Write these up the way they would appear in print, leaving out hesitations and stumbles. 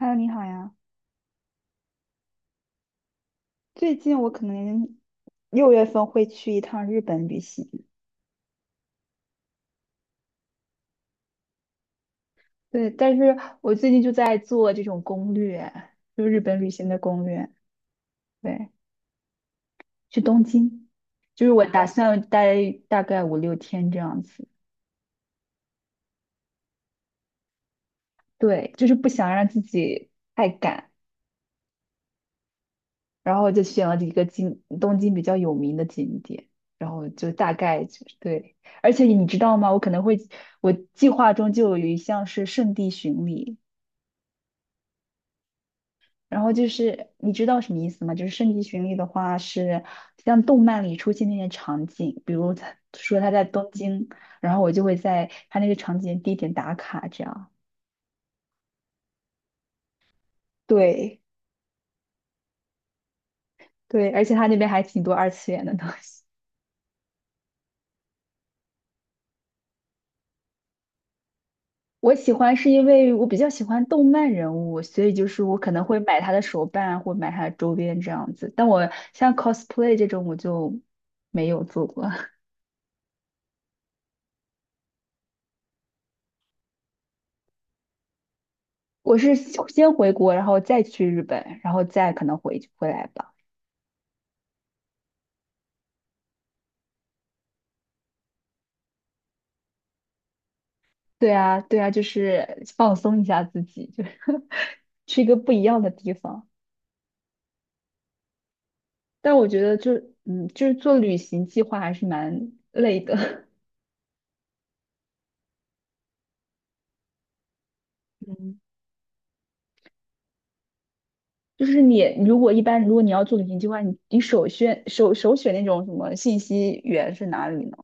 Hello，你好呀。最近我可能6月份会去一趟日本旅行。对，但是我最近就在做这种攻略，就日本旅行的攻略。对，去东京，就是我打算待大概5、6天这样子。对，就是不想让自己太赶，然后就选了几个景，东京比较有名的景点，然后就大概就是对。而且你知道吗？我可能会，我计划中就有一项是圣地巡礼。然后就是你知道什么意思吗？就是圣地巡礼的话，是像动漫里出现那些场景，比如他说他在东京，然后我就会在他那个场景地点打卡，这样。对对，而且他那边还挺多二次元的东西。我喜欢是因为我比较喜欢动漫人物，所以就是我可能会买他的手办或买他的周边这样子。但我像 cosplay 这种我就没有做过，我是先回国，然后再去日本，然后再可能回来吧。对啊，对啊，就是放松一下自己，就是 去一个不一样的地方。但我觉得就，就是做旅行计划还是蛮累的。嗯，就是你如果一般，如果你要做旅行计划，你首选那种什么信息源是哪里呢？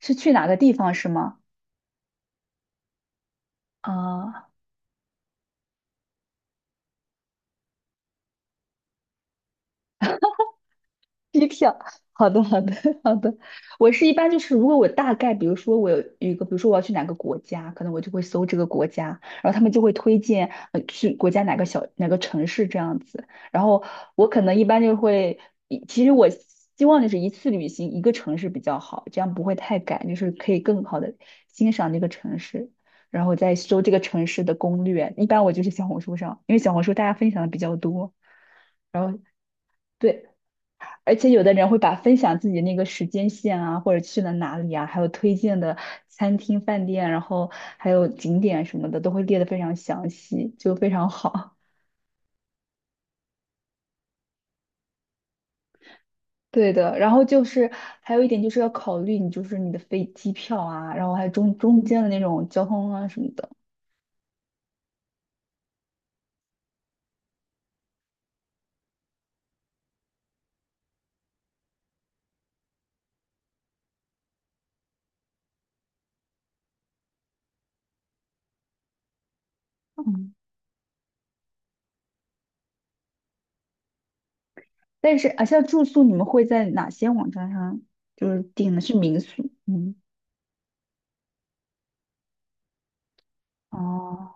是去哪个地方是吗？啊、机票，好的，好的，好的。我是一般就是，如果我大概，比如说我有一个，比如说我要去哪个国家，可能我就会搜这个国家，然后他们就会推荐去国家哪个城市这样子。然后我可能一般就会，其实我希望就是一次旅行一个城市比较好，这样不会太赶，就是可以更好的欣赏这个城市，然后再搜这个城市的攻略。一般我就是小红书上，因为小红书大家分享的比较多，然后。对。而且有的人会把分享自己那个时间线啊，或者去了哪里啊，还有推荐的餐厅、饭店，然后还有景点什么的，都会列得非常详细，就非常好。对的，然后就是还有一点就是要考虑你就是你的飞机票啊，然后还有中间的那种交通啊什么的。嗯，但是啊，像住宿你们会在哪些网站上就是订的是民宿？嗯，哦，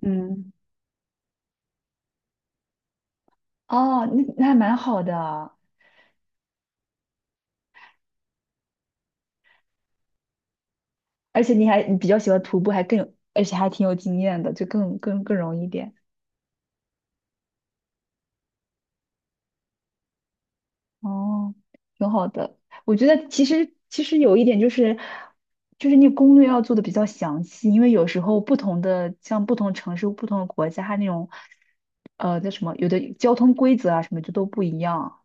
嗯，哦，那还蛮好的。而且你比较喜欢徒步，还更有，而且还挺有经验的，就更容易一点。哦，挺好的。我觉得其实有一点就是，就是你攻略要做的比较详细，因为有时候不同的像不同城市、不同的国家，它那种叫什么，有的交通规则啊什么就都不一样，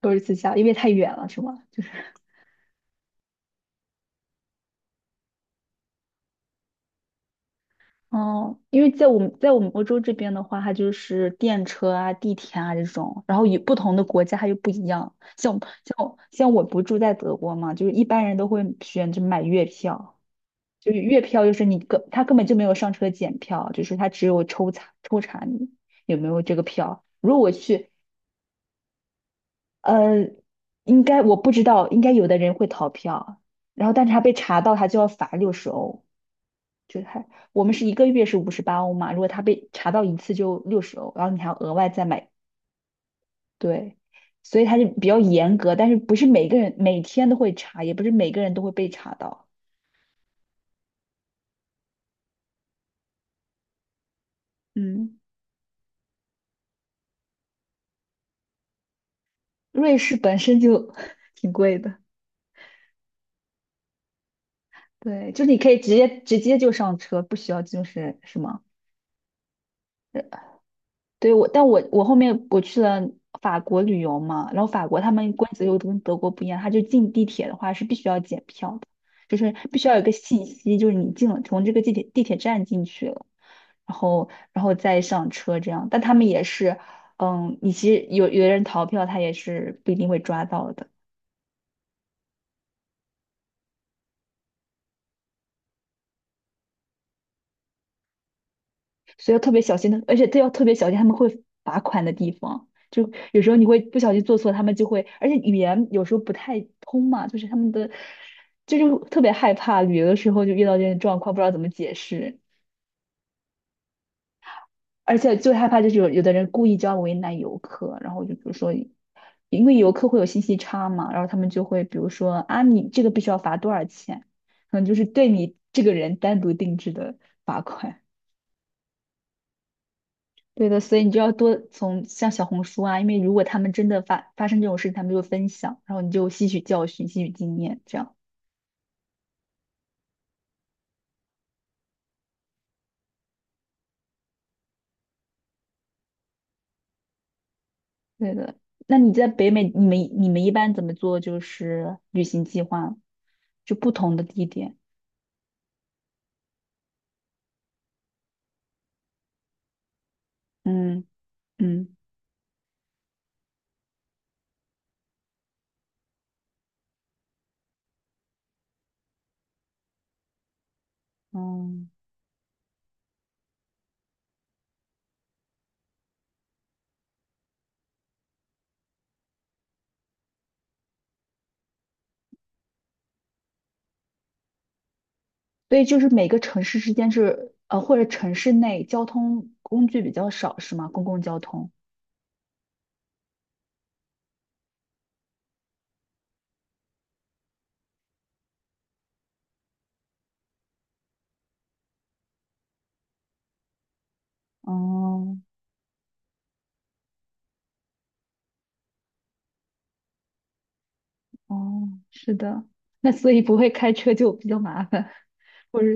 都是自驾，因为太远了，是吗？就是哦，因为在我们欧洲这边的话，它就是电车啊、地铁啊这种，然后与不同的国家它又不一样。像我不住在德国嘛，就是一般人都会选择买月票，就是月票就是他根本就没有上车检票，就是他只有抽查抽查你有没有这个票。如果我去，呃，应该我不知道，应该有的人会逃票，然后但是他被查到他就要罚六十欧。就还我们是一个月是58欧嘛，如果他被查到一次就六十欧，然后你还要额外再买，对，所以他就比较严格，但是不是每个人每天都会查，也不是每个人都会被查到。嗯，瑞士本身就 挺贵的，对，就是你可以直接就上车，不需要就是什么对我，但我后面我去了法国旅游嘛，然后法国他们规则又跟德国不一样，他就进地铁的话是必须要检票的，就是必须要有一个信息，就是你进了从这个地铁站进去了，然后再上车这样，但他们也是，你其实有的人逃票，他也是不一定会抓到的。所以要特别小心的，而且都要特别小心他们会罚款的地方。就有时候你会不小心做错，他们就会，而且语言有时候不太通嘛，就是他们的，就是特别害怕旅游的时候就遇到这种状况，不知道怎么解释，而且最害怕就是有的人故意就要为难游客，然后就比如说，因为游客会有信息差嘛，然后他们就会比如说啊，你这个必须要罚多少钱，可能就是对你这个人单独定制的罚款。对的，所以你就要多从像小红书啊，因为如果他们真的发生这种事情，他们就分享，然后你就吸取教训、吸取经验，这样。对的。那你在北美，你们一般怎么做？就是旅行计划，就不同的地点。嗯嗯嗯，所以就是每个城市之间是或者城市内交通工具比较少，是吗？公共交通。哦哦，是的。那所以不会开车就比较麻烦，或者。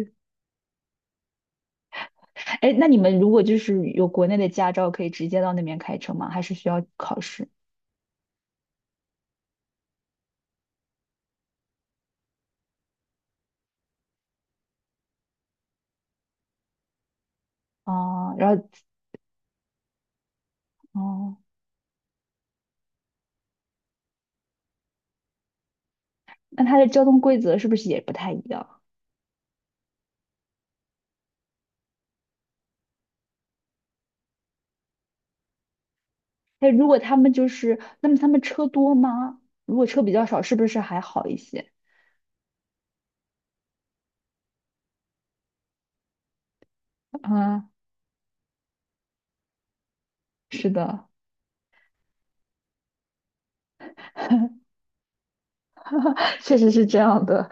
哎，那你们如果就是有国内的驾照，可以直接到那边开车吗？还是需要考试？啊？然后哦，那它的交通规则是不是也不太一样？哎，如果他们就是，那么他们车多吗？如果车比较少，是不是还好一些？啊，是的，确实是这样的。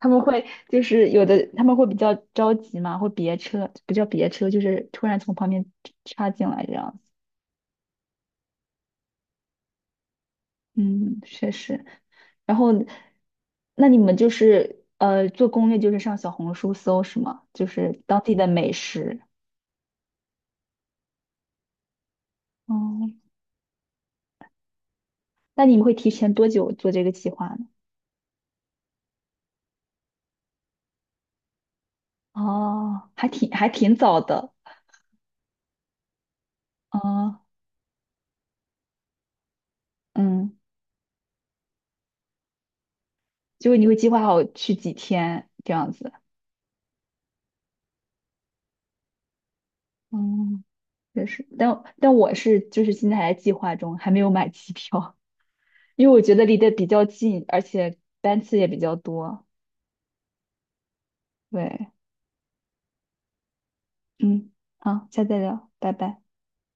他们会就是有的，他们会比较着急嘛，会别车，不叫别车，就是突然从旁边插进来这样。嗯，确实。然后，那你们就是做攻略，就是上小红书搜是吗？就是当地的美食。哦，那你们会提前多久做这个计划呢？哦，还挺早的。哦，嗯，就是你会计划好去几天这样子。嗯，也是。但我是就是现在还在计划中，还没有买机票，因为我觉得离得比较近，而且班次也比较多。对，嗯，好，下次再聊，拜拜。